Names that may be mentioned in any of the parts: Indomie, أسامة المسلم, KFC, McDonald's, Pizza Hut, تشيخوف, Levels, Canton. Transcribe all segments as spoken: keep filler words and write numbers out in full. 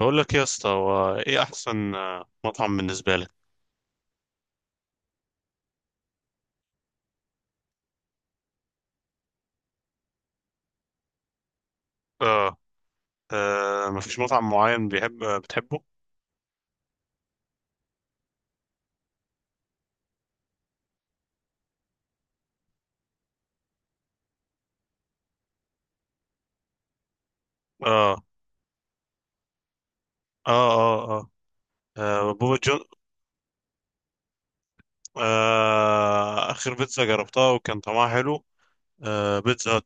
بقول لك يا اسطى، هو ايه احسن آه، مطعم بالنسبه لك؟ اه، آه مفيش مطعم معين، بيحب آه، بتحبه؟ اه، اه، اه، اه، آه بابا جون. آه اخر بيتزا جربتها وكان طعمها حلو. آه بيتزا هت.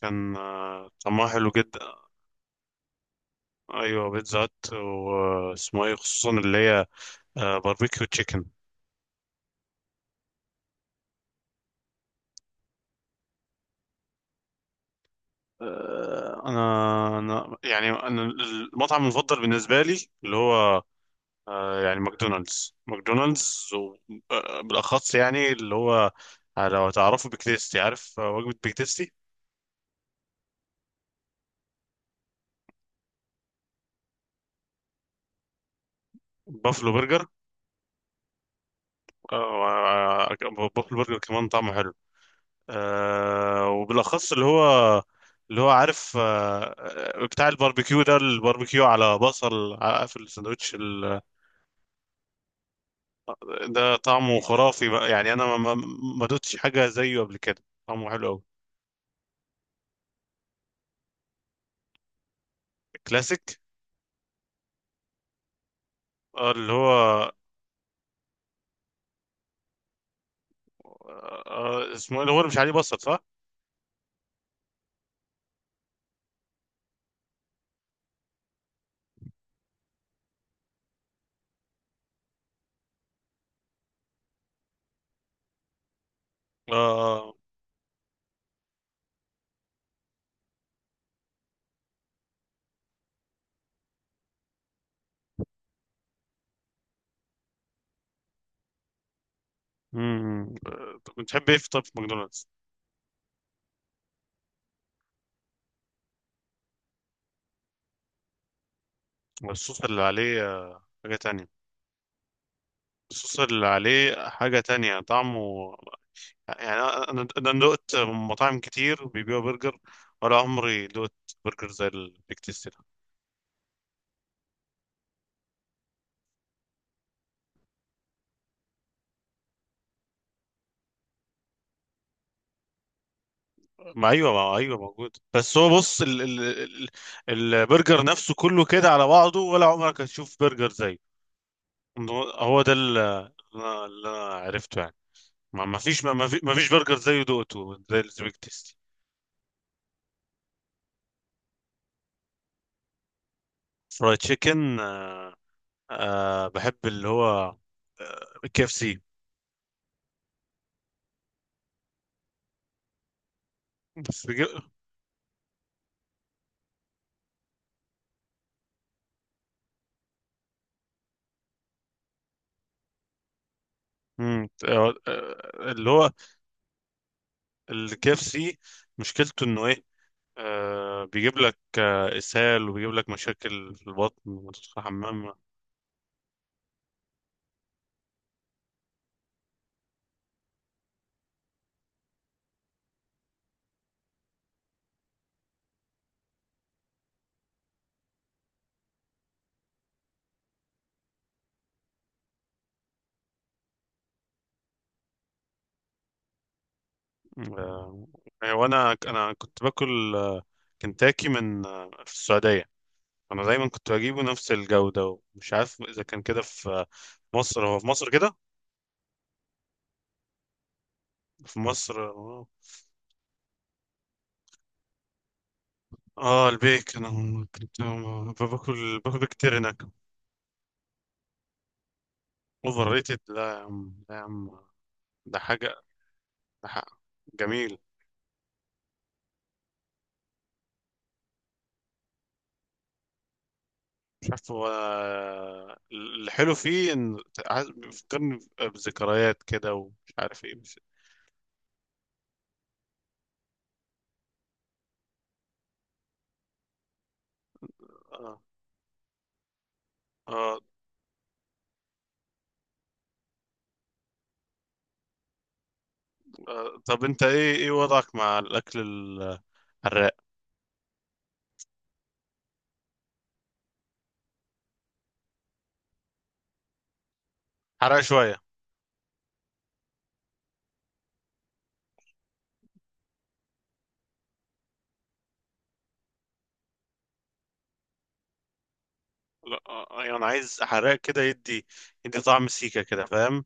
كان آه طعمها حلو جدا. ايوه، بيتزا هت، واسمه ايه خصوصا اللي هي آه باربيكيو تشيكن. آه انا انا يعني انا المطعم المفضل بالنسبه لي اللي هو، آه، يعني ماكدونالدز ماكدونالدز، و- آه، بالاخص يعني اللي هو آه، لو تعرفوا بيك تيستي، عارف آه، وجبة بيك تيستي. بافلو برجر. آه، آه، آه، بافلو برجر كمان طعمه حلو، آه، وبالاخص اللي هو، اللي هو عارف، آه، آه، بتاع الباربيكيو، ده الباربيكيو على بصل، على- في الساندوتش ال- ده طعمه خرافي بقى، يعني انا ما ما ما دوتش حاجة زيه قبل كده، طعمه حلو قوي. كلاسيك. آه، اللي هو آه، آه، اسمه إيه؟ اللي هو اللي مش عليه بصل، صح؟ اه. امم آه، طب بتحب ايه في، طب في ماكدونالدز؟ الصوص اللي عليه آه، حاجة تانية. الصوص اللي عليه حاجة تانية طعمه. يعني أنا أنا أنا دقت مطاعم كتير بيبيعوا برجر، ولا عمري دقت برجر زي البيك تيستي ده. ما أيوه، ما أيوه موجود، بس هو بص ال ال ال البرجر نفسه كله كده على بعضه، ولا عمرك هتشوف برجر زيه. هو ده ال- اللي أنا اللي أنا عرفته يعني. ما ما فيش ما ما في- ما فيش برجر زيه دقته زي البيك تيستي. فرايد تشيكن. آه بحب اللي هو آه، كي اف سي. بس، بيجي- مم، آه، آه، اللي هو الكي اف سي، مشكلته انه ايه. آه بيجيب لك آه، اسهال، وبيجيب لك مشاكل في البطن وتدخل الحمام آه آه، وانا انا كنت باكل آه، كنتاكي من آه، في السعوديه. انا دايما كنت بجيبه نفس الجوده، ومش عارف اذا كان كده في آه، مصر، هو في مصر كده. في مصر آه. اه، البيك. انا كنت باكل باكل بيك كتير هناك. اوفر ريتد، لا يا عم، لا يا عم. ده حاجه، ده حق. جميل. مش عارف، هو الحلو فيه ان عايز- بيفكرني بذكريات كده، ومش عارف ايه، مش... آه. آه. آه. طب انت، ايه ايه وضعك مع الاكل الحراق؟ حراق شويه. لا، آه، يعني عايز حراق كده يدي يدي طعم سيكه كده، فاهم؟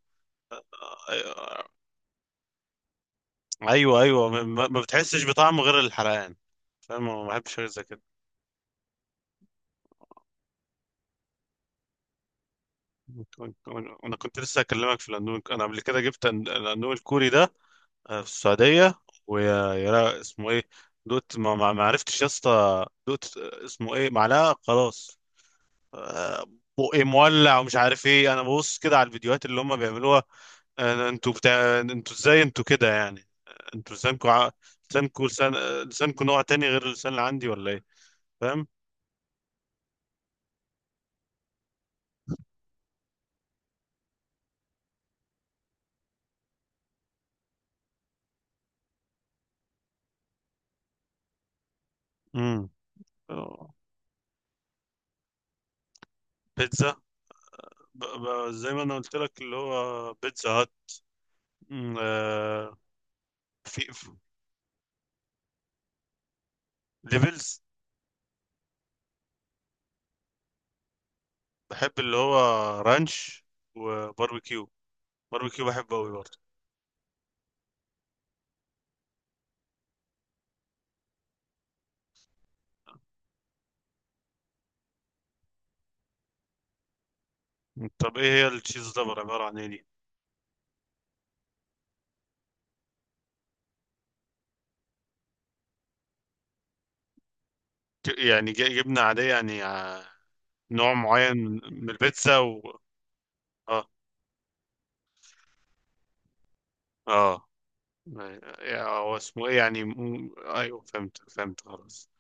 آه، ايوه، ايوه، ما ما- ما بتحسش بطعمه غير الحرقان، فاهم؟ ما بحبش غير زي كده. انا كنت لسه اكلمك في الاندومي، انا قبل كده جبت أن- الاندومي الكوري ده آه، في السعوديه. ويا اسمه ايه؟ دوت، ما ما ما عرفتش يا اسطى، دوت، آه، اسمه ايه، معلقه خلاص. آه، بقي مولع، ومش عارف ايه، انا ببص كده على الفيديوهات اللي هم بيعملوها، آه، انتوا بتاع، انتوا ازاي، انتوا كده يعني. انتوا لسانكوا ع- لسانكوا لسان آه، لسانكوا نوع تاني غير اللسان اللي عندي، ولا ايه؟ فاهم؟ امم بيتزا. ب- ب- زي ما انا قلت لك، اللي هو بيتزا هات. مم، آه، في في- ليفلز. بحب اللي هو رانش وباربيكيو. باربيكيو بحبه قوي برضه. طب ايه هي التشيز دبر، عبارة عن ايه دي؟ ج- يعني ج- جبنة عادية، يعني آه، نوع معين من من البيتزا و... اه، اه، يعني آه، هو اسمه ايه يعني، مم، ايوه، فهمت فهمت خلاص.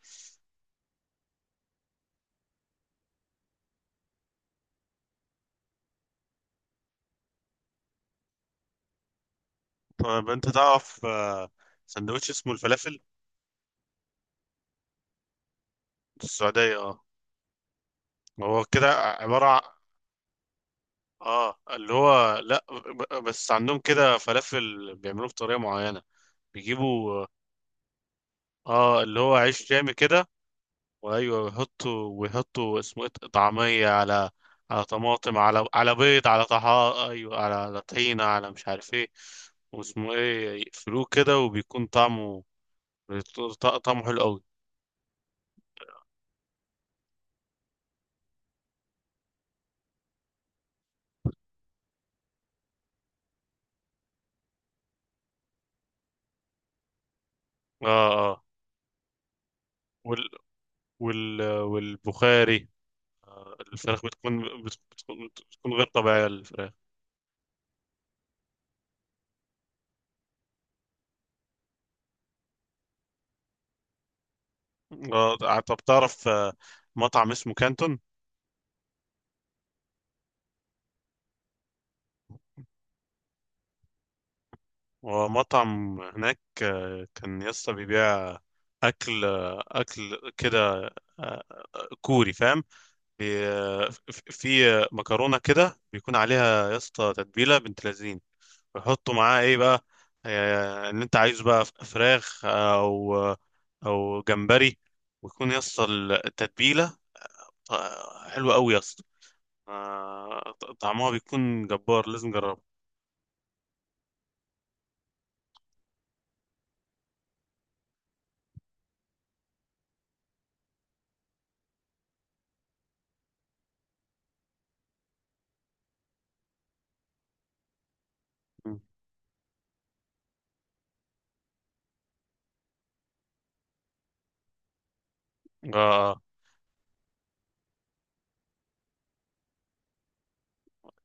طب انت تعرف آه، سندوتش اسمه الفلافل؟ في السعودية، اه. هو كده عبارة. اه اللي هو، لا، ب- بس عندهم كده فلافل بيعملوه بطريقه معينه، بيجيبوا، اه اللي هو، عيش جامي كده، وايوه، ويحطوا ويحطوا اسمه إيه؟ طعميه على، على طماطم، على على بيض، على طحا، ايوه، على على طحينه، على مش عارف ايه، واسمه ايه، يقفلوه كده، وبيكون طعمه ط- طعمه حلو قوي. اه، اه، وال وال والبخاري، الفراخ بتكون بتكون بتكون غير طبيعيه الفراخ. آه، آه، طب تعرف آه، مطعم اسمه كانتون؟ ومطعم هناك، آه، كان يسطا بيبيع أكل آه، أكل كده، آه، آه، كوري، فاهم؟ بي- آه، في في، آه، مكرونة كده بيكون عليها يسطا تتبيلة بنت لذين، بيحطوا معاها إيه بقى، آه، اللي أنت عايزه بقى، فراخ أو أو جمبري، ويكون يسطا التتبيلة آه، حلوة أوي يسطا، آه، طعمها بيكون جبار، لازم جربه. آه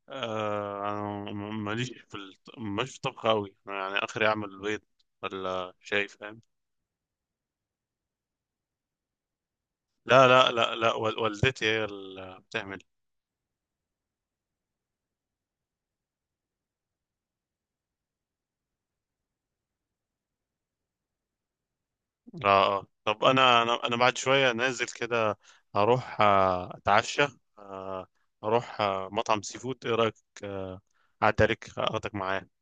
آه، أنا م- ماليش في الط- ماليش في الطبخ أوي، يعني آخري أعمل بيض ولا شاي، فاهم؟ لا، لا، لا، لا، وال- والدتي هي اللي بتعمل. آه آه طب أنا أنا أنا بعد شوية نازل كده، هروح آه، أتعشى، آه، أروح آه، مطعم سي فود، إيه رأيك؟ آه، أعدي عليك أخدك معايا.